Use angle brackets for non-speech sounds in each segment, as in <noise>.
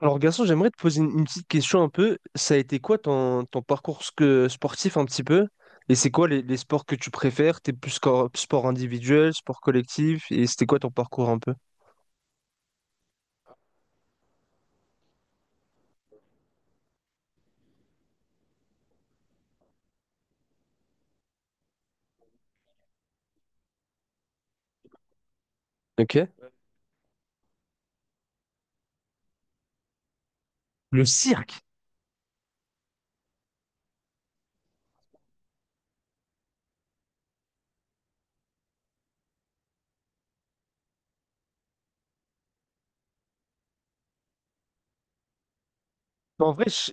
Alors, garçon, j'aimerais te poser une petite question un peu. Ça a été quoi ton parcours sportif un petit peu? Et c'est quoi les sports que tu préfères? T'es plus sport individuel, sport collectif? Et c'était quoi ton parcours un peu? Ok. Le cirque. En vrai.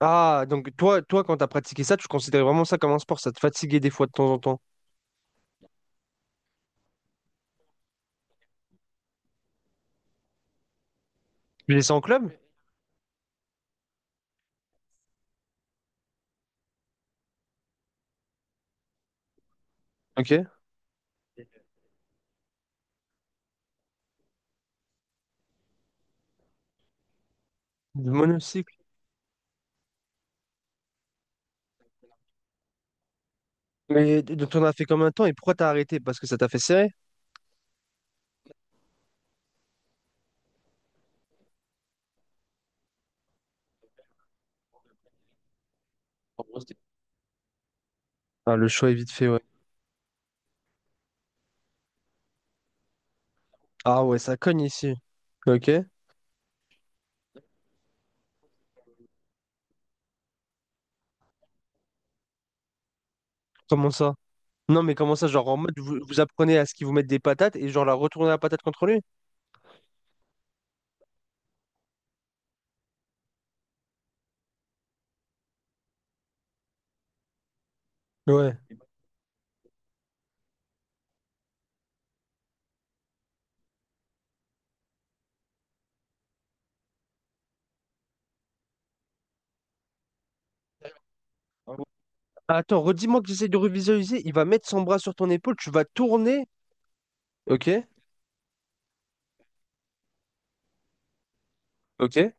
Ah, donc toi, quand t'as pratiqué ça, tu considérais vraiment ça comme un sport. Ça te fatiguait des fois de temps en temps. Tu faisais ça en club? Ok. Du monocycle. Mais donc t'en as fait combien de temps et pourquoi t'as arrêté? Parce que ça t'a fait serrer? En gros. Ah, le choix est vite fait, ouais. Ah ouais, ça cogne ici. Ok. Comment ça? Non, mais comment ça, genre en mode vous, vous apprenez à ce qu'ils vous mettent des patates et genre la retourner la patate contre lui? Ouais. Ah, attends, redis-moi que j'essaie de revisualiser. Il va mettre son bras sur ton épaule, tu vas tourner. Ok, ok.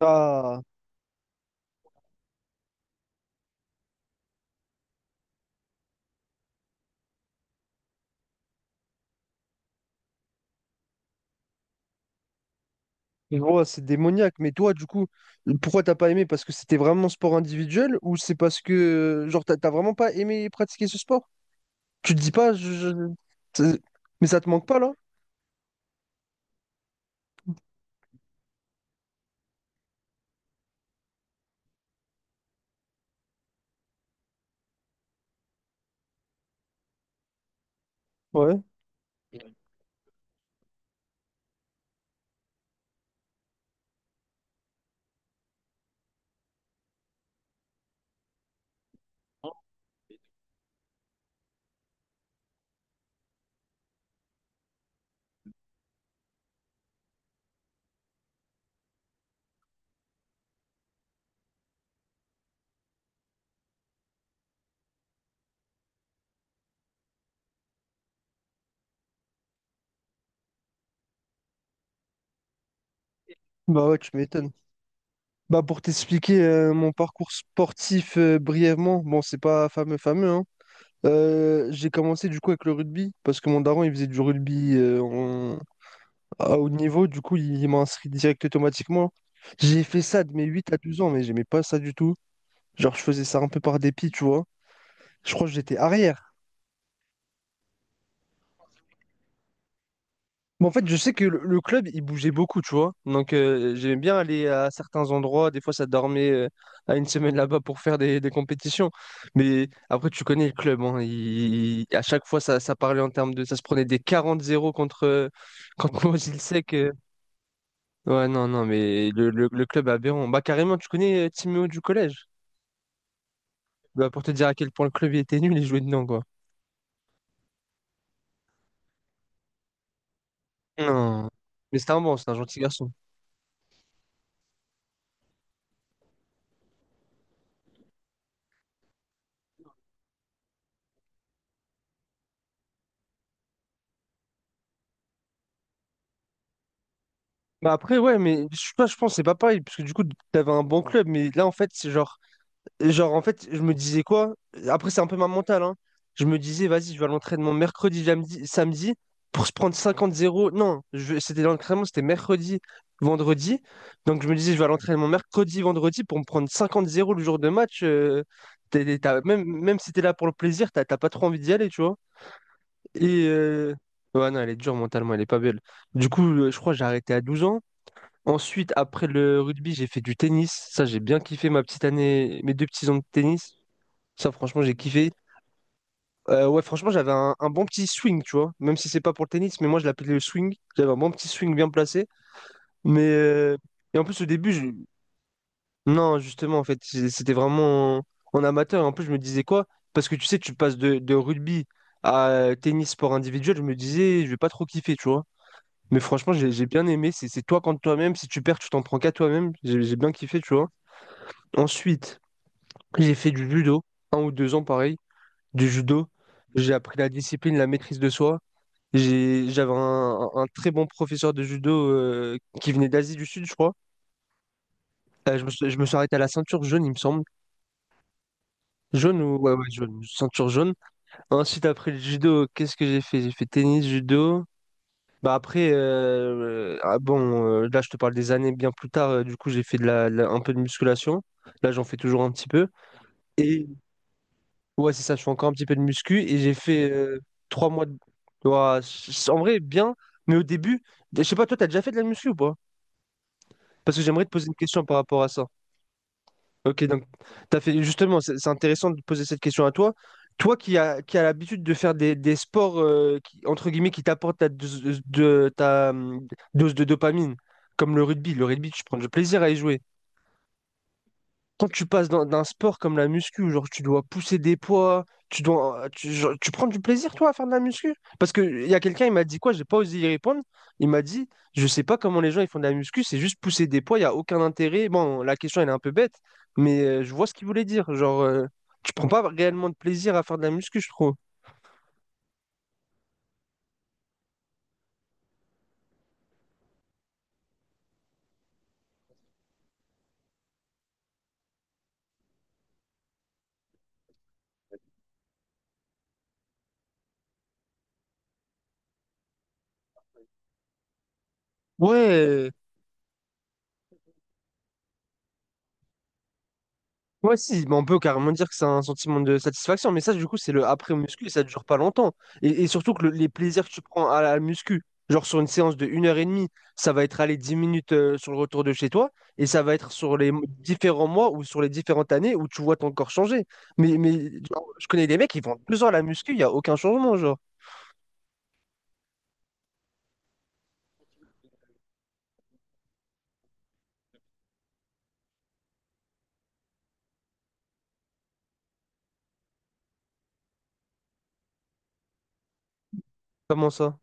Ah, je vois, c'est démoniaque. Mais toi, du coup, pourquoi t'as pas aimé? Parce que c'était vraiment sport individuel ou c'est parce que, genre, t'as vraiment pas aimé pratiquer ce sport? Tu te dis pas, c'est- mais ça te manque pas là? Ouais, bah ouais, tu m'étonnes. Bah pour t'expliquer mon parcours sportif brièvement, bon, c'est pas fameux fameux, hein. J'ai commencé du coup avec le rugby parce que mon daron il faisait du rugby à haut niveau, du coup il m'a inscrit direct automatiquement. J'ai fait ça de mes 8 à 12 ans, mais j'aimais pas ça du tout. Genre je faisais ça un peu par dépit, tu vois. Je crois que j'étais arrière. Mais en fait, je sais que le club, il bougeait beaucoup, tu vois. Donc, j'aimais bien aller à certains endroits. Des fois, ça dormait à une semaine là-bas pour faire des compétitions. Mais après, tu connais le club, hein. À chaque fois, ça parlait en termes de... Ça se prenait des 40-0 contre <laughs> Mozilsec. Ouais, non, non, mais le club aberrant. Bah, carrément, tu connais Timéo du collège. Bah, pour te dire à quel point le club il était nul, il jouait dedans, quoi. Non. Mais c'était un bon, c'était un gentil garçon. Bah après, ouais, mais je sais pas, je pense que c'est pas pareil, parce que du coup, t'avais un bon club, mais là, en fait, c'est genre, en fait, je me disais quoi? Après, c'est un peu ma mentale, hein. Je me disais, vas-y, je vais à l'entraînement mercredi, samedi, pour se prendre 50-0. Non. C'était l'entraînement, c'était mercredi, vendredi. Donc, je me disais, je vais à l'entraînement mercredi, vendredi, pour me prendre 50-0 le jour de match. Même si t'es là pour le plaisir, t'as pas trop envie d'y aller, tu vois. Et, ouais, non, elle est dure mentalement, elle est pas belle. Du coup, je crois que j'ai arrêté à 12 ans. Ensuite, après le rugby, j'ai fait du tennis. Ça, j'ai bien kiffé ma petite année, mes 2 petits ans de tennis. Ça, franchement, j'ai kiffé. Ouais, franchement, j'avais un bon petit swing, tu vois. Même si c'est pas pour le tennis, mais moi, je l'appelais le swing. J'avais un bon petit swing bien placé. Mais et en plus, au début, non, justement, en fait, c'était vraiment en amateur. Et en plus, je me disais quoi? Parce que tu sais, tu passes de rugby à tennis sport individuel. Je me disais, je vais pas trop kiffer, tu vois. Mais franchement, j'ai bien aimé. C'est toi contre toi-même. Si tu perds, tu t'en prends qu'à toi-même. J'ai bien kiffé, tu vois. Ensuite, j'ai fait du judo, 1 ou 2 ans pareil, du judo. J'ai appris la discipline, la maîtrise de soi. J'avais un très bon professeur de judo qui venait d'Asie du Sud, je crois. Je me suis arrêté à la ceinture jaune, il me semble. Jaune ou ouais, ouais, jaune, ceinture jaune. Ensuite, après le judo, qu'est-ce que j'ai fait? J'ai fait tennis, judo. Bah après, ah bon, là je te parle des années bien plus tard. Du coup, j'ai fait de la un peu de musculation. Là, j'en fais toujours un petit peu. Et Ouais, c'est ça, je fais encore un petit peu de muscu et j'ai fait 3 mois de. Ouah, en vrai, bien, mais au début, je sais pas, toi, t'as déjà fait de la muscu ou pas? Parce que j'aimerais te poser une question par rapport à ça. Ok, donc, t'as fait, justement, c'est intéressant de te poser cette question à toi. Toi qui as qui a l'habitude de faire des sports, qui, entre guillemets, qui t'apportent ta dose de dopamine, comme le rugby. Le rugby, tu prends du plaisir à y jouer. Quand tu passes d'un sport comme la muscu, où genre tu dois pousser des poids, tu dois, tu, genre, tu prends du plaisir toi à faire de la muscu? Parce que il y a quelqu'un, il m'a dit quoi, j'ai pas osé y répondre. Il m'a dit, je sais pas comment les gens ils font de la muscu, c'est juste pousser des poids, il y a aucun intérêt. Bon, la question elle est un peu bête, mais je vois ce qu'il voulait dire. Genre, tu prends pas réellement de plaisir à faire de la muscu, je trouve. Ouais, ouais, si, mais on peut carrément dire que c'est un sentiment de satisfaction, mais ça, du coup, c'est le après muscu et ça dure pas longtemps. Et surtout que les plaisirs que tu prends à la muscu, genre sur une séance de 1 heure et demie, ça va être aller 10 minutes sur le retour de chez toi, et ça va être sur les différents mois ou sur les différentes années où tu vois ton corps changer. Mais genre, je connais des mecs qui font 2 heures à la muscu, il n'y a aucun changement, genre. Comment ça?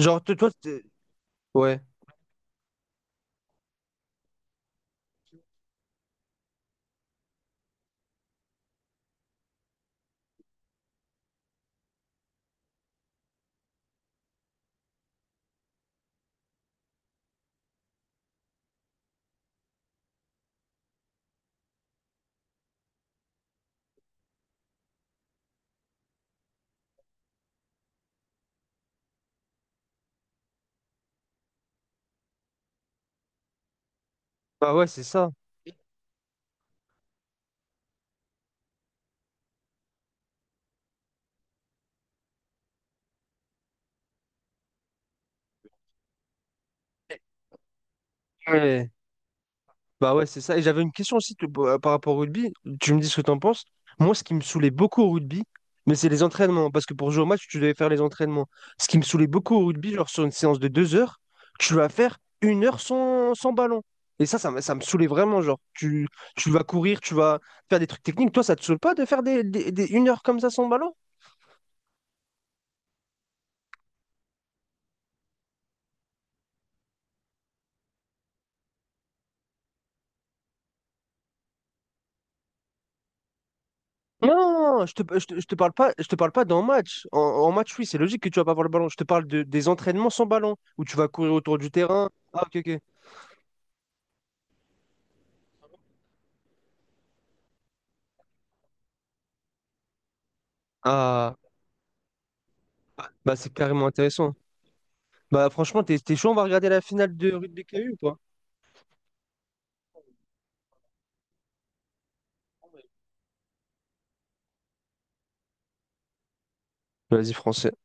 Genre, ouais, bah ouais, c'est ça. Ouais. Bah ouais, c'est ça. Et j'avais une question aussi par rapport au rugby. Tu me dis ce que t'en penses. Moi, ce qui me saoulait beaucoup au rugby, mais c'est les entraînements. Parce que pour jouer au match, tu devais faire les entraînements. Ce qui me saoulait beaucoup au rugby, genre sur une séance de 2 heures, tu vas faire 1 heure sans ballon. Et ça me saoulait vraiment. Genre, tu vas courir, tu vas faire des trucs techniques. Toi, ça te saoule pas de faire 1 heure comme ça sans ballon? Non, non, non, je te parle pas, d'un match. En match, oui, c'est logique que tu vas pas avoir le ballon. Je te parle de, des entraînements sans ballon, où tu vas courir autour du terrain. Ah, ok, ok. Ah, bah c'est carrément intéressant. Bah franchement, t'es chaud, on va regarder la finale de rugby KU ou pas? Vas-y, français.